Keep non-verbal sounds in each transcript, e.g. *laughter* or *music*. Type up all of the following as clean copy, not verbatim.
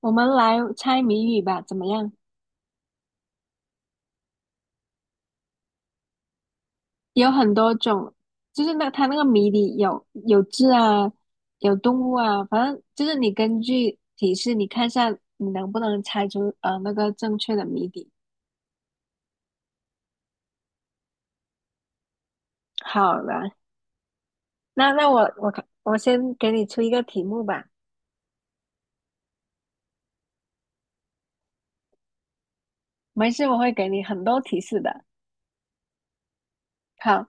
我们来猜谜语吧，怎么样？有很多种，就是那它那个谜底有字啊，有动物啊，反正就是你根据提示，你看一下你能不能猜出那个正确的谜底。好了，那我看我先给你出一个题目吧，没事，我会给你很多提示的。好，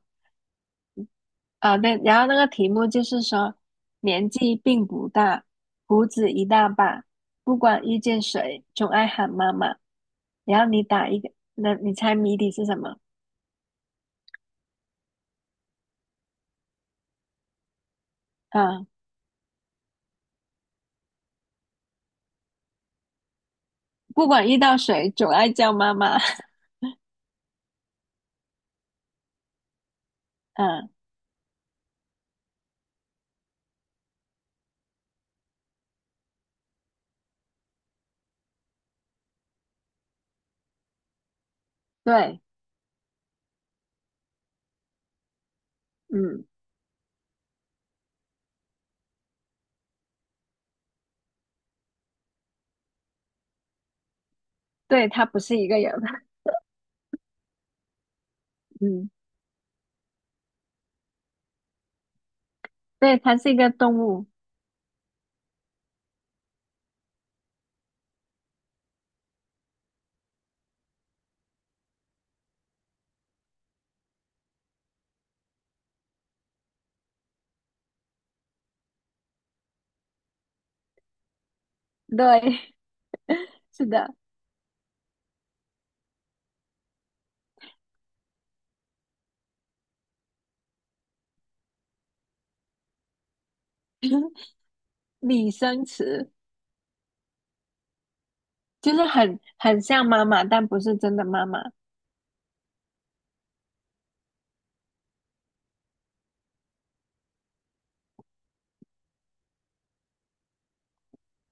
啊，对，然后那个题目就是说，年纪并不大，胡子一大把，不管遇见谁，总爱喊妈妈。然后你打一个，那你猜谜底是什么？啊，不管遇到谁，总爱叫妈妈。*laughs* 嗯，对，嗯，对，它不是一个人，*laughs* 嗯，对，它是一个动物，对，*laughs* 是的，拟声词就是很像妈妈，但不是真的妈妈。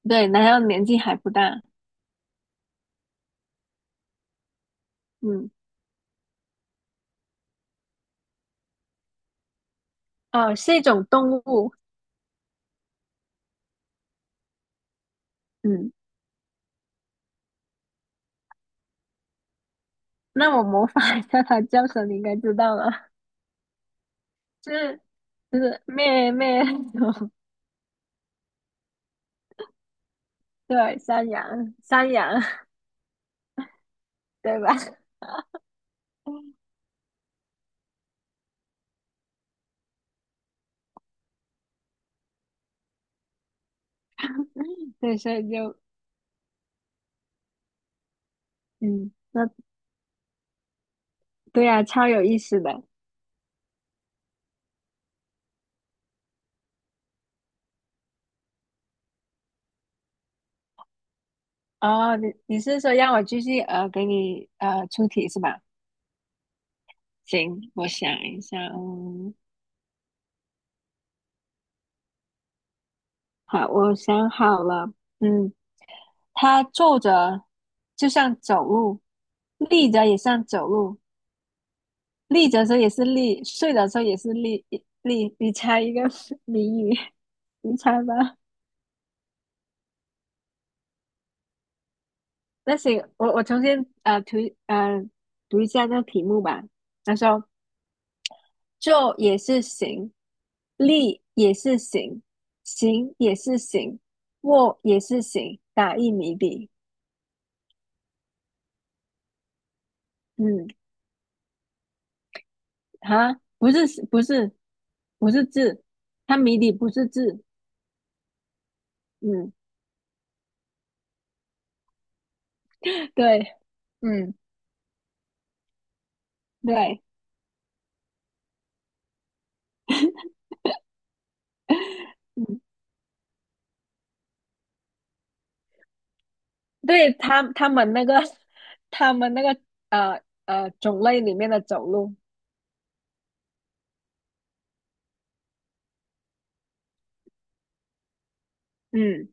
对，然后年纪还不大，嗯，哦，是一种动物。嗯，那我模仿一下它叫声，你应该知道了，就是就是咩咩，*laughs* 对，山羊山羊，对吧？*laughs* 对，所以就嗯，那对呀，超有意思的。哦，你是说让我继续给你出题是吧？行，我想一下，嗯，好，我想好了，嗯，它坐着就像走路，立着也像走路，立着的时候也是立，睡着的时候也是立。你猜一个 *laughs* 谜语，你猜吧。那行，我重新啊读呃读一下那个题目吧。他说：坐也是行，立也是行，行也是行，卧也是行。打一谜底，嗯，哈，不是，不是，不是字，它谜底不是字，嗯，对，嗯对，嗯。对他们那个 *laughs* 他们那个呃种类里面的走路，嗯，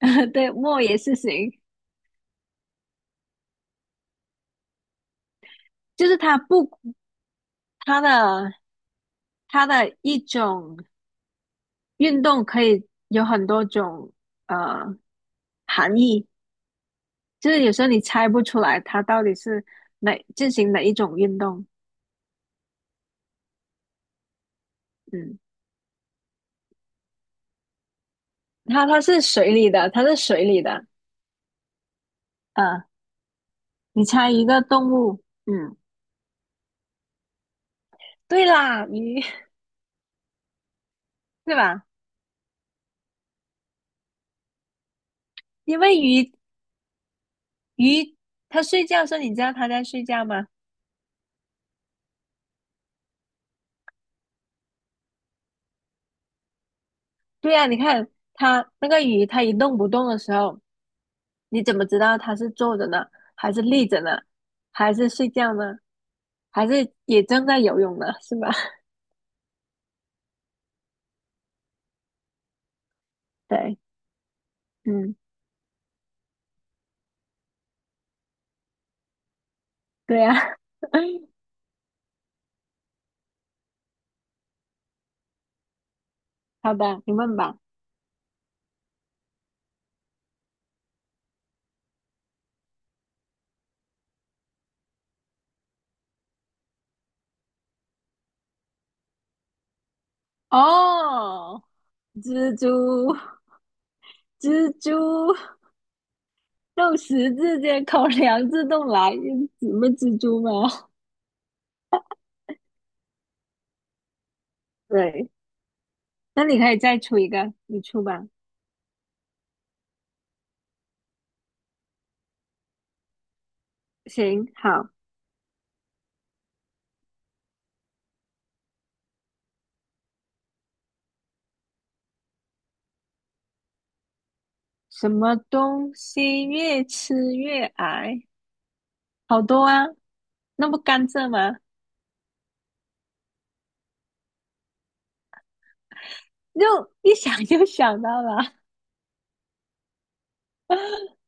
*laughs* 对，莫言是行，就是它不它的它的一种运动可以有很多种呃含义，就是有时候你猜不出来它到底是哪进行哪一种运动，嗯，它是水里的，它是水里的，呃，你猜一个动物，嗯，对啦，鱼，*laughs* 对吧？因为鱼它睡觉的时候，你知道它在睡觉吗？对呀，你看它那个鱼，它一动不动的时候，你怎么知道它是坐着呢，还是立着呢，还是睡觉呢，还是也正在游泳呢，是吧？*laughs* 对，嗯，对啊。*laughs* 好的，你问吧。哦，蜘蛛，蜘蛛，肉食之间口粮自动来，什么蜘蛛吗？*laughs* 对，那你可以再出一个，你出吧。行，好。什么东西越吃越矮？好多啊，那不甘蔗吗？就一想就想到了 *laughs*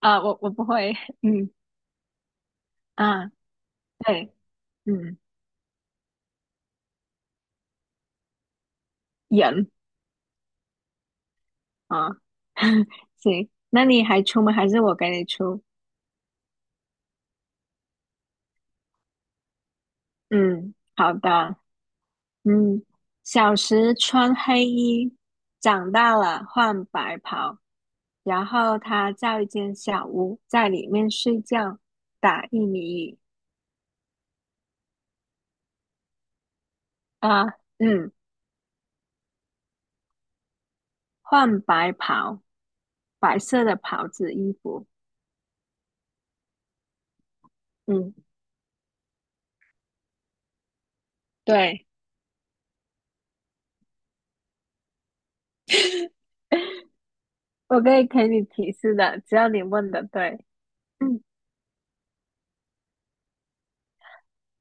啊，我不会，嗯啊，对，嗯，人啊，*laughs* 行，那你还出吗？还是我给你出？嗯，好的，嗯，小时穿黑衣，长大了换白袍，然后他造一间小屋，在里面睡觉，打一米一。啊，嗯，换白袍，白色的袍子衣服。嗯，对，*laughs* 我可以给你提示的，只要你问的对。嗯，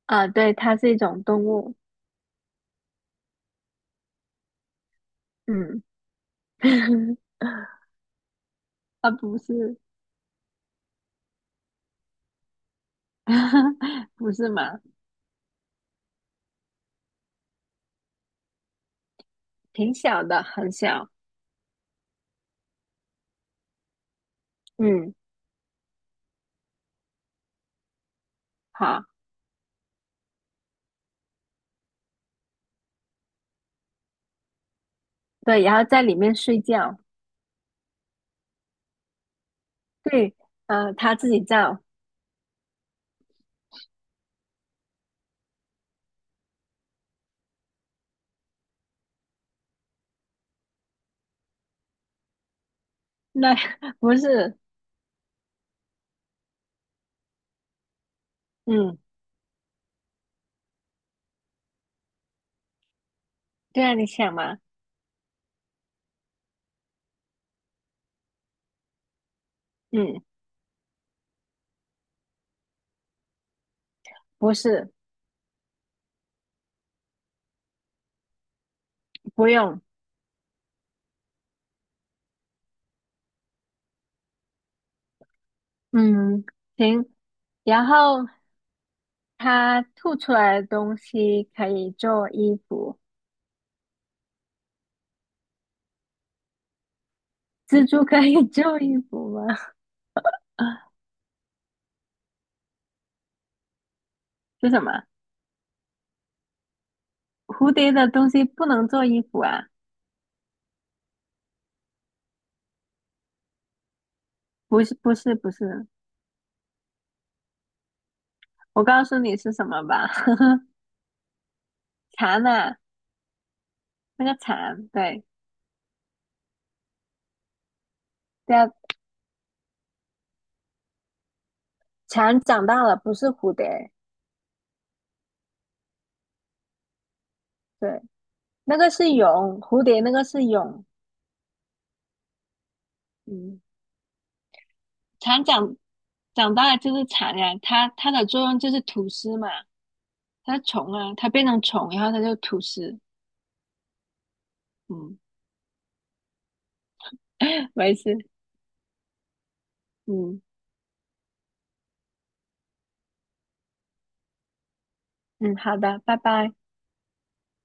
啊，对，它是一种动物。嗯，*laughs* 啊，不是，*laughs* 不是嘛，挺小的，很小。嗯，好，对，然后在里面睡觉。对，它自己造。那 *laughs* 不是，嗯，对啊，你想嘛，嗯，不是，不用，嗯，行。然后它吐出来的东西可以做衣服，蜘蛛可以 *laughs* 做衣服吗？*laughs* 是什么？蝴蝶的东西不能做衣服啊？不是，不是，不是。我告诉你是什么吧，*laughs* 蚕啊，那个蚕，对，对啊，蝉长大了，不是蝴蝶，对，那个是蛹，蝴蝶那个是蛹，嗯，蝉长大了就是蚕呀，它的作用就是吐丝嘛，它是虫啊，它变成虫，然后它就吐丝，嗯。*laughs* 没事，嗯嗯，好的，拜拜。